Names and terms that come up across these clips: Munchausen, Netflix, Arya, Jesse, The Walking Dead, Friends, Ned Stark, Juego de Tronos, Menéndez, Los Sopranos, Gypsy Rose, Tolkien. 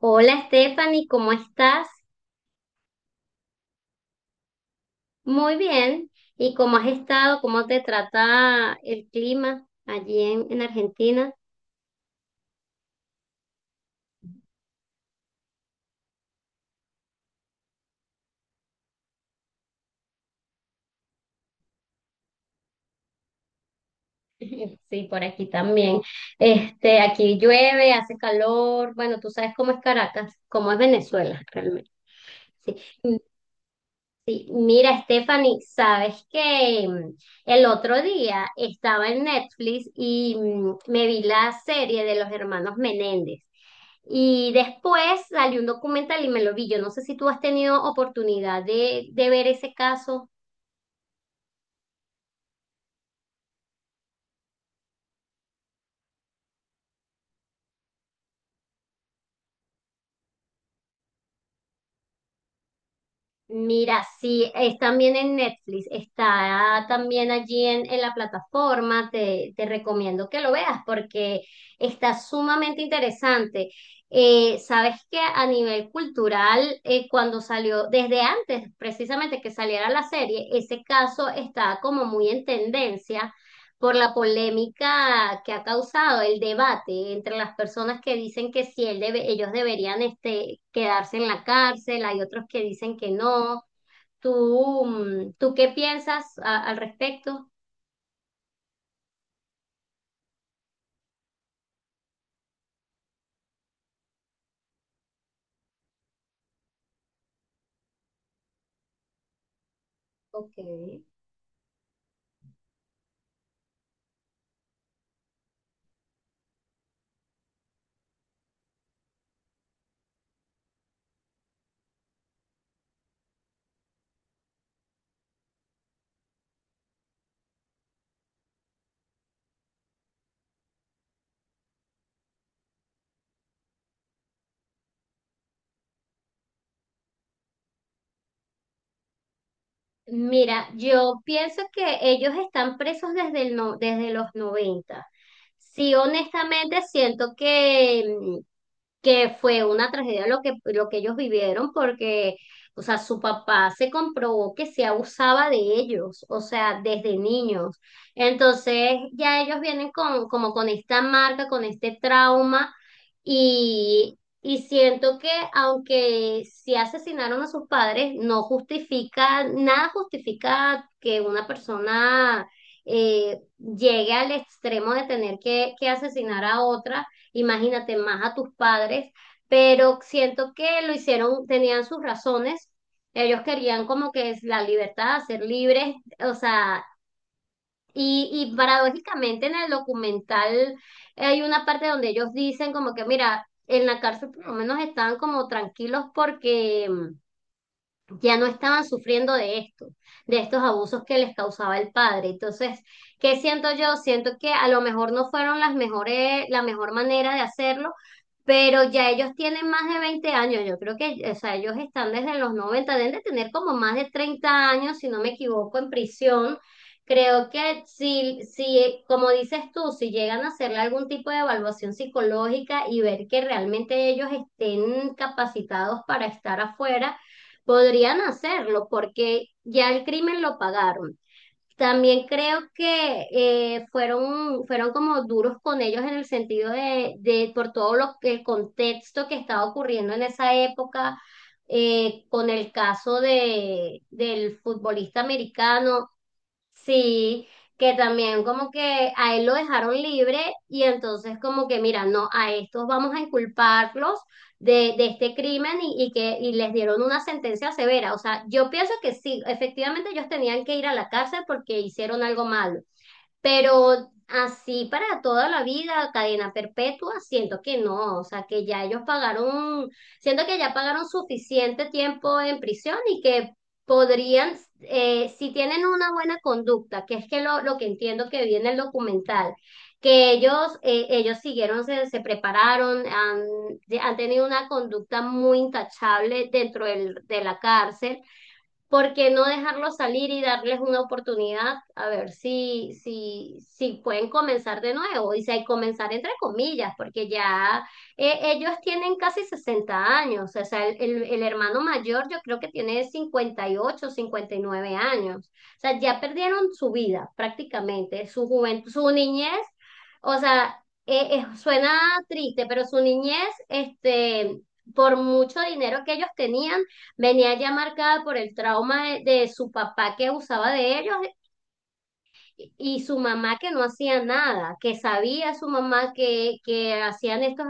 Hola Stephanie, ¿cómo estás? Muy bien. ¿Y cómo has estado? ¿Cómo te trata el clima allí en Argentina? Sí, por aquí también. Este, aquí llueve, hace calor. Bueno, tú sabes cómo es Caracas, cómo es Venezuela realmente. Sí. Sí, mira, Stephanie, sabes que el otro día estaba en Netflix y me vi la serie de los hermanos Menéndez. Y después salió un documental y me lo vi. Yo no sé si tú has tenido oportunidad de ver ese caso. Mira, sí, es también en Netflix, está también allí en la plataforma, te recomiendo que lo veas porque está sumamente interesante. Sabes que a nivel cultural, cuando salió, desde antes precisamente que saliera la serie, ese caso estaba como muy en tendencia por la polémica que ha causado el debate entre las personas que dicen que sí, ellos deberían este, quedarse en la cárcel, hay otros que dicen que no. ¿Tú, tú qué piensas al respecto? Ok. Mira, yo pienso que ellos están presos desde el no- desde los 90. Sí, honestamente siento que, que fue una tragedia lo que ellos vivieron porque, o sea, su papá se comprobó que se abusaba de ellos, o sea, desde niños. Entonces, ya ellos vienen con, como con esta marca, con este trauma. Y siento que aunque sí asesinaron a sus padres, no justifica, nada justifica que una persona llegue al extremo de tener que asesinar a otra, imagínate más a tus padres, pero siento que lo hicieron, tenían sus razones, ellos querían como que es la libertad, ser libres, o sea, y paradójicamente en el documental hay una parte donde ellos dicen como que, mira, en la cárcel por lo menos estaban como tranquilos porque, ya no estaban sufriendo de esto, de estos abusos que les causaba el padre. Entonces, ¿qué siento yo? Siento que a lo mejor no fueron las mejores, la mejor manera de hacerlo, pero ya ellos tienen más de 20 años. Yo creo que, o sea, ellos están desde los 90, deben de tener como más de 30 años, si no me equivoco, en prisión. Creo que como dices tú, si llegan a hacerle algún tipo de evaluación psicológica y ver que realmente ellos estén capacitados para estar afuera, podrían hacerlo porque ya el crimen lo pagaron. También creo que fueron como duros con ellos en el sentido de por todo el contexto que estaba ocurriendo en esa época, con el caso del futbolista americano. Sí, que también como que a él lo dejaron libre y entonces como que mira, no, a estos vamos a inculparlos de este crimen y les dieron una sentencia severa. O sea, yo pienso que sí, efectivamente ellos tenían que ir a la cárcel porque hicieron algo malo, pero así para toda la vida, cadena perpetua, siento que no, o sea, que ya ellos pagaron, siento que ya pagaron suficiente tiempo en prisión y que podrían, si tienen una buena conducta, que es que lo que entiendo que vi en el documental, que ellos, ellos siguieron, se prepararon, han, han tenido una conducta muy intachable de la cárcel. ¿Por qué no dejarlos salir y darles una oportunidad a ver si pueden comenzar de nuevo? Y si hay comenzar entre comillas, porque ya ellos tienen casi 60 años, o sea, el hermano mayor yo creo que tiene 50 58 59 años, o sea, ya perdieron su vida prácticamente, su juventud, su niñez, o sea, suena triste, pero su niñez, este, por mucho dinero que ellos tenían, venía ya marcada por el trauma de su papá que abusaba de ellos y su mamá que no hacía nada, que sabía su mamá que hacían estos...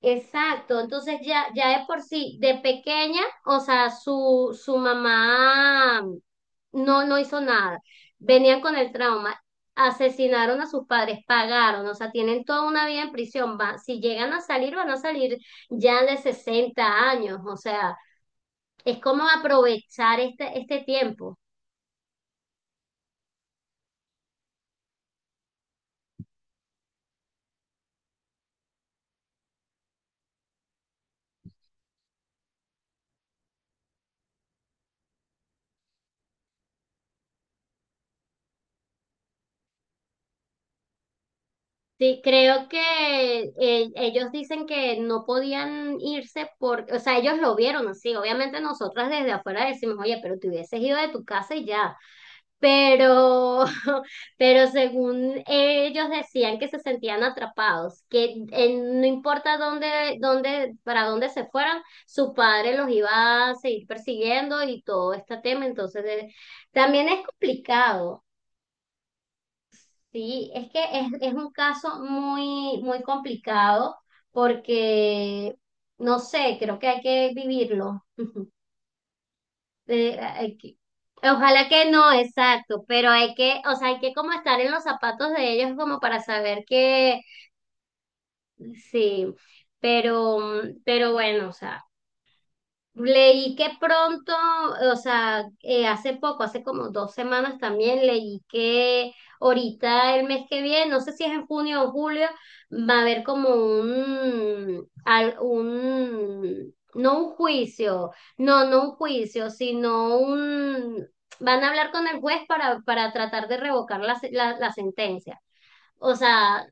Exacto, entonces ya de por sí, de pequeña, o sea, su mamá no hizo nada. Venían con el trauma, asesinaron a sus padres, pagaron, o sea, tienen toda una vida en prisión. Va, si llegan a salir, van a salir ya de 60 años, o sea, es como aprovechar este tiempo. Sí, creo que ellos dicen que no podían irse porque, o sea, ellos lo vieron así. Obviamente nosotras desde afuera decimos, oye, pero te hubieses ido de tu casa y ya. Pero, pero según ellos decían que se sentían atrapados, que no importa para dónde se fueran, su padre los iba a seguir persiguiendo y todo este tema. Entonces, también es complicado. Sí, es que es un caso muy complicado porque, no sé, creo que hay que vivirlo. Eh, hay que- ojalá que no, exacto, pero hay que, o sea, hay que como estar en los zapatos de ellos como para saber que sí, pero, pero bueno, o sea. Leí que pronto, o sea, hace poco, hace como 2 semanas también, leí que ahorita el mes que viene, no sé si es en junio o julio, va a haber como un, no un juicio, no, no un juicio, sino un, van a hablar con el juez para tratar de revocar la, se- la la sentencia. O sea,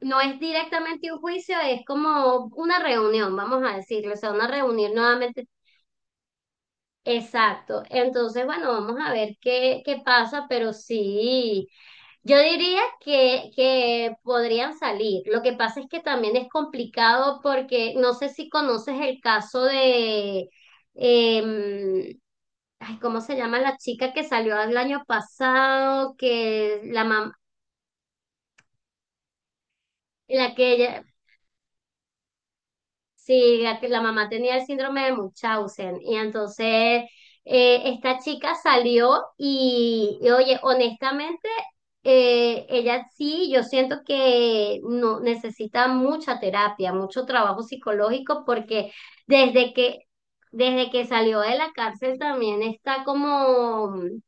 no es directamente un juicio, es como una reunión, vamos a decirlo, o sea, una reunión nuevamente. Exacto. Entonces, bueno, vamos a ver qué pasa, pero sí, yo diría que podrían salir. Lo que pasa es que también es complicado porque no sé si conoces el caso de, em, ay, ¿cómo se llama la chica que salió el año pasado? Que la mamá, la que ella, sí, la mamá tenía el síndrome de Munchausen y entonces esta chica salió oye, honestamente, ella sí, yo siento que no necesita mucha terapia, mucho trabajo psicológico porque desde que desde que salió de la cárcel también está como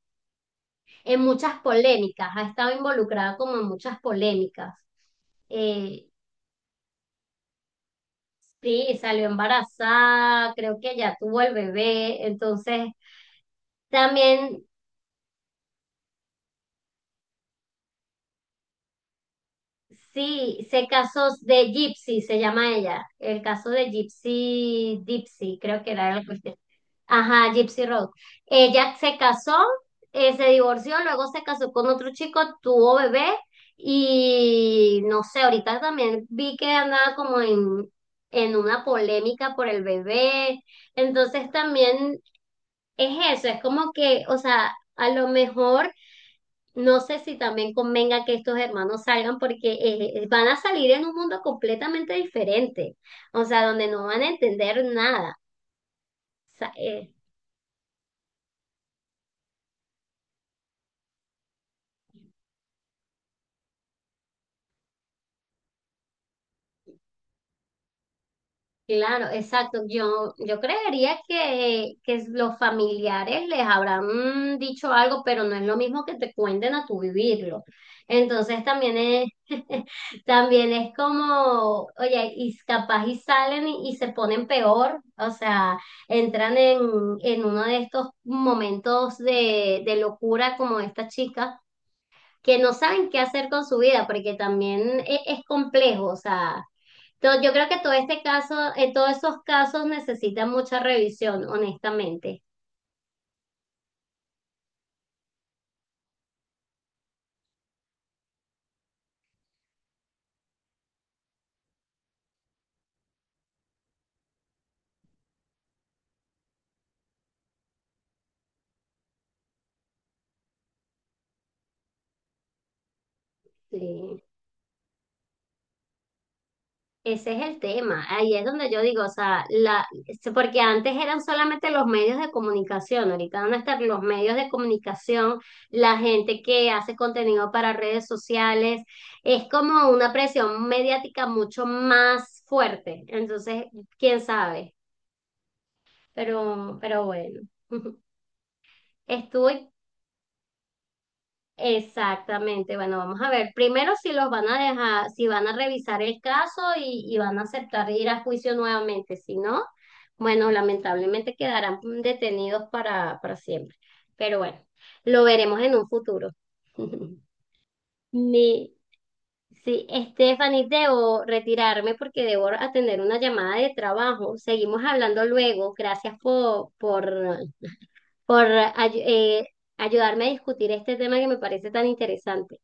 en muchas polémicas, ha estado involucrada como en muchas polémicas. Eh, Sí, salió embarazada, creo que ya tuvo el bebé, entonces también sí, sé casos de Gypsy, se llama ella, el caso de Gypsy, Gypsy, creo que era la cuestión. Ajá, Gypsy Rose. Ella se casó, se divorció, luego se casó con otro chico, tuvo bebé y no sé, ahorita también vi que andaba como en una polémica por el bebé. Entonces también es eso, es como que, o sea, a lo mejor no sé si también convenga que estos hermanos salgan porque van a salir en un mundo completamente diferente, o sea, donde no van a entender nada. Claro, exacto. Yo creería que los familiares les habrán dicho algo, pero no es lo mismo que te cuenten a tu vivirlo. Entonces también es, también es como, oye, y capaz y salen y se ponen peor, o sea, entran en uno de estos momentos de locura como esta chica, que no saben qué hacer con su vida, porque también es complejo, o sea. Entonces, yo creo que todo este caso, todos esos casos necesitan mucha revisión, honestamente. Sí. Ese es el tema. Ahí es donde yo digo, o sea, la, porque antes eran solamente los medios de comunicación, ahorita van a estar los medios de comunicación, la gente que hace contenido para redes sociales, es como una presión mediática mucho más fuerte. Entonces, quién sabe, pero bueno. Estuvo exactamente, bueno, vamos a ver primero si los van a dejar, si van a revisar el caso y van a aceptar ir a juicio nuevamente, si no, bueno, lamentablemente quedarán detenidos para siempre, pero bueno, lo veremos en un futuro. Mi, sí, Stephanie, debo retirarme porque debo atender una llamada de trabajo, seguimos hablando luego, gracias por ay- eh, ayudarme a discutir este tema que me parece tan interesante.